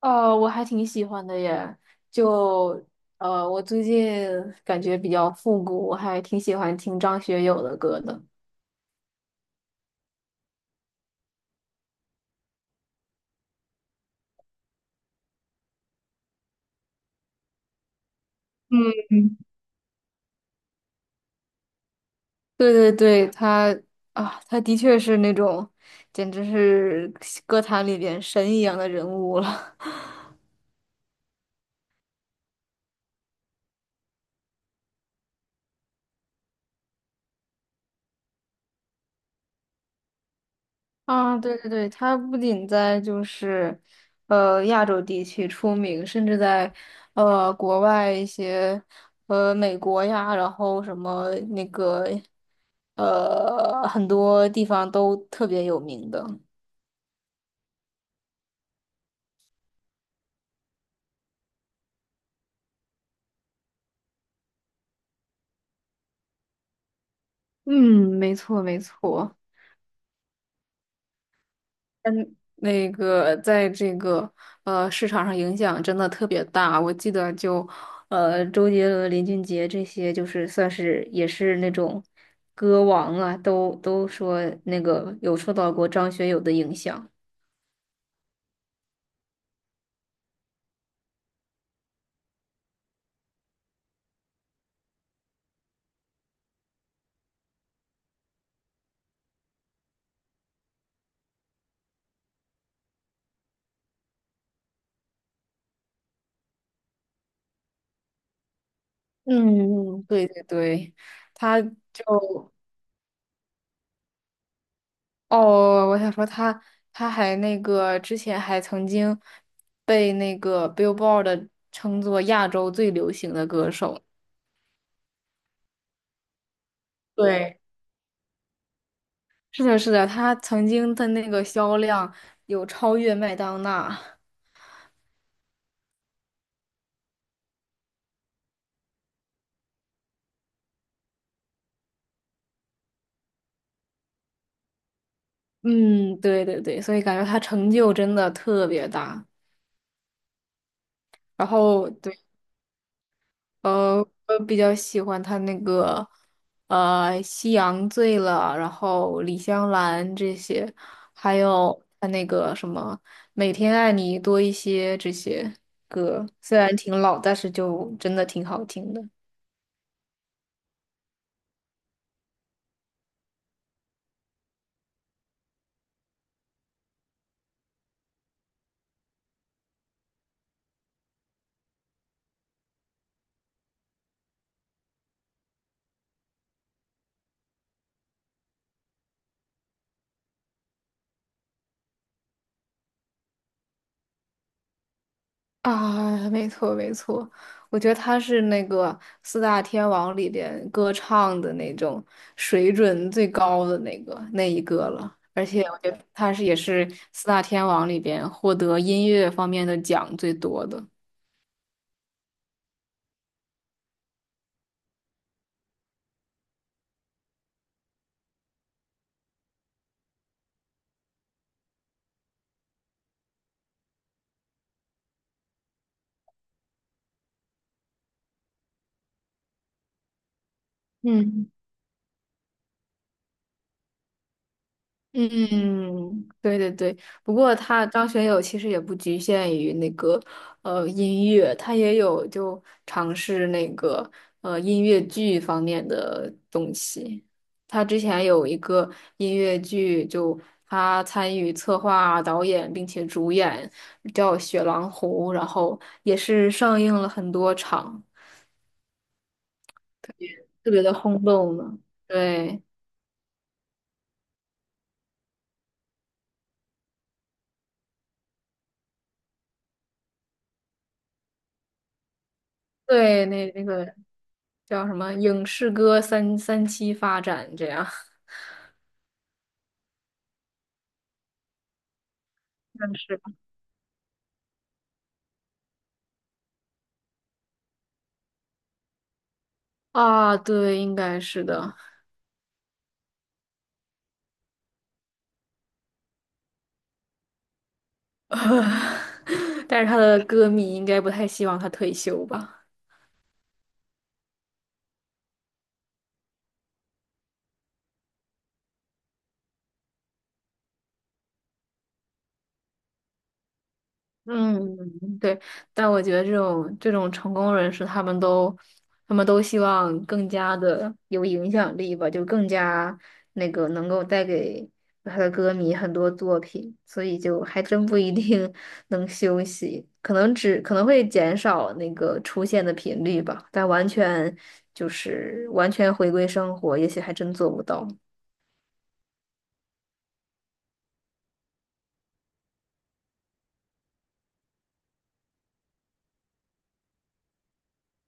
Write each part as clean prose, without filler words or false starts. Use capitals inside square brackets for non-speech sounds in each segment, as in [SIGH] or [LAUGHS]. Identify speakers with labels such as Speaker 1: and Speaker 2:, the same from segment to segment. Speaker 1: 哦，我还挺喜欢的耶，就我最近感觉比较复古，我还挺喜欢听张学友的歌的。嗯，对对对，他的确是那种，简直是歌坛里边神一样的人物了。啊，对对对，它不仅在,亚洲地区出名，甚至在国外一些，美国呀，然后什么那个，很多地方都特别有名的。嗯，没错没错。嗯，那个在这个市场上影响真的特别大，我记得周杰伦、林俊杰这些，就是算是也是那种歌王啊，都说那个有受到过张学友的影响。嗯，对对对，他就哦，我想说他还那个之前还曾经被那个 Billboard 称作亚洲最流行的歌手。对，是的，是的，他曾经的那个销量有超越麦当娜。嗯，对对对，所以感觉他成就真的特别大。然后对，呃，我比较喜欢他那个夕阳醉了》，然后《李香兰》这些，还有他那个什么《每天爱你多一些》这些歌，虽然挺老，但是就真的挺好听的。啊，没错没错，我觉得他是那个四大天王里边歌唱的那种水准最高的那一个了，而且我觉得他是也是四大天王里边获得音乐方面的奖最多的。嗯。嗯，对对对，不过他张学友其实也不局限于那个音乐，他也有就尝试那个音乐剧方面的东西。他之前有一个音乐剧，就他参与策划、导演并且主演，叫《雪狼湖》，然后也是上映了很多场，特别的轰动呢。对对，那那个。叫什么影视歌三期发展这样但是 [LAUGHS] 啊？对，应该是的。[LAUGHS] 但是他的歌迷应该不太希望他退休吧？嗯，对，但我觉得这种成功人士，他们都希望更加的有影响力吧，就更加那个能够带给他的歌迷很多作品，所以就还真不一定 [LAUGHS] 能休息，可能会减少那个出现的频率吧，但完全回归生活，也许还真做不到。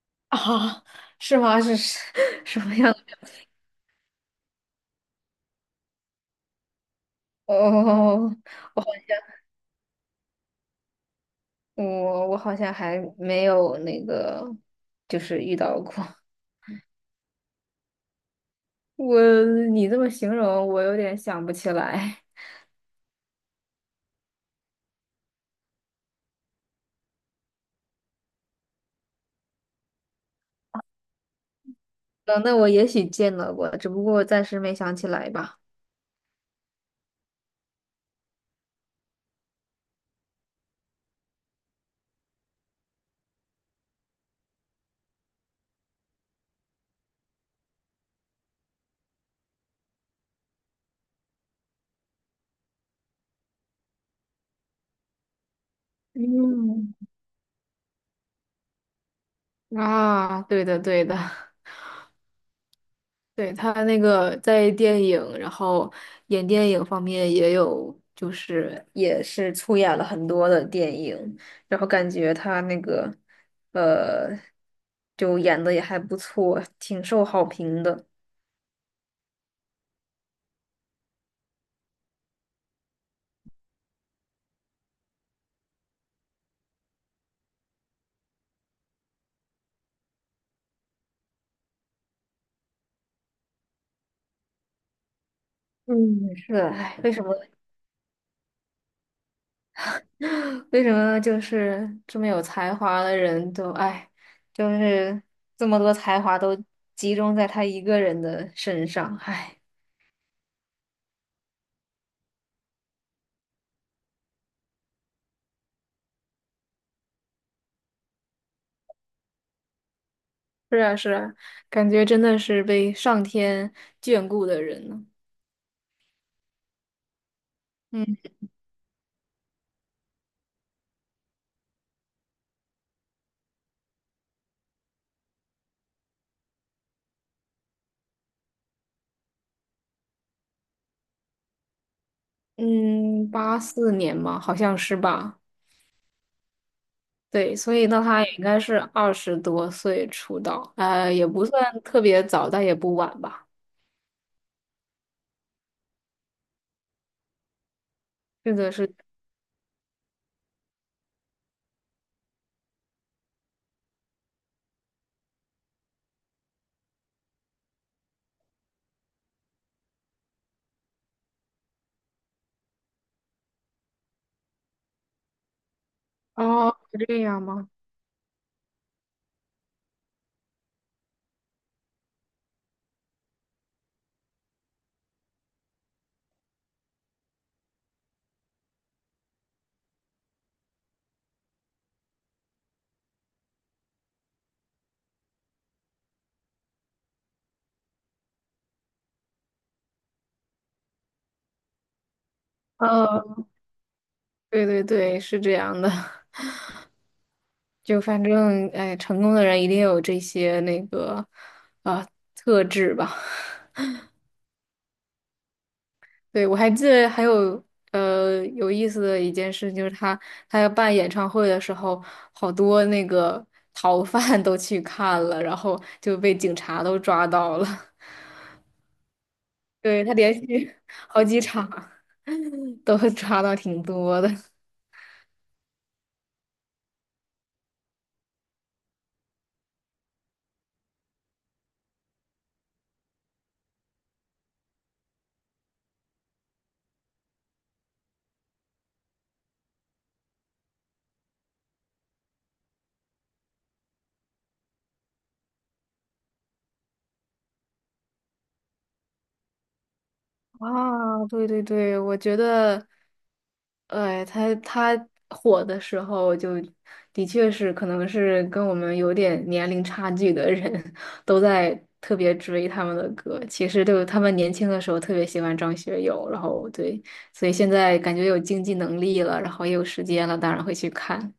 Speaker 1: [LAUGHS] 啊，是吗？是 [LAUGHS] 什么样哦，[LAUGHS] 哦，我好像还没有那个，就是遇到过。[LAUGHS] 我你这么形容，我有点想不起来。嗯，那我也许见到过，只不过我暂时没想起来吧。嗯，啊，对的，对的，对，他那个在电影，然后演电影方面也有，就是也是出演了很多的电影，然后感觉他那个，呃，就演的也还不错，挺受好评的。嗯，是的，哎，为什么，[LAUGHS] 为什么就是这么有才华的人都，哎，就是这么多才华都集中在他一个人的身上，哎，是啊，是啊，感觉真的是被上天眷顾的人呢。嗯嗯，84年嘛，好像是吧？对，所以那他也应该是20多岁出道，也不算特别早，但也不晚吧？是的是，哦，这样吗？呃。对对对，是这样的。[LAUGHS] 就反正，哎，成功的人一定有这些那个啊、特质吧。[LAUGHS] 对，我还记得还有有意思的一件事，就是他要办演唱会的时候，好多那个逃犯都去看了，然后就被警察都抓到了。[LAUGHS] 对，他连续好几场都抓到挺多的。啊，对对对，我觉得，哎，他火的时候就的确是，可能是跟我们有点年龄差距的人 [LAUGHS] 都在特别追他们的歌。其实就他们年轻的时候特别喜欢张学友，然后对，所以现在感觉有经济能力了，然后也有时间了，当然会去看。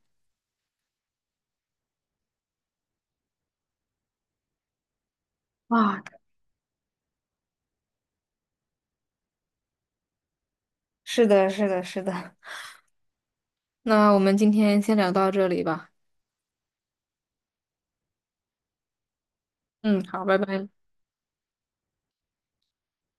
Speaker 1: 啊，是的，是的，是的。那我们今天先聊到这里吧。嗯，好，拜拜。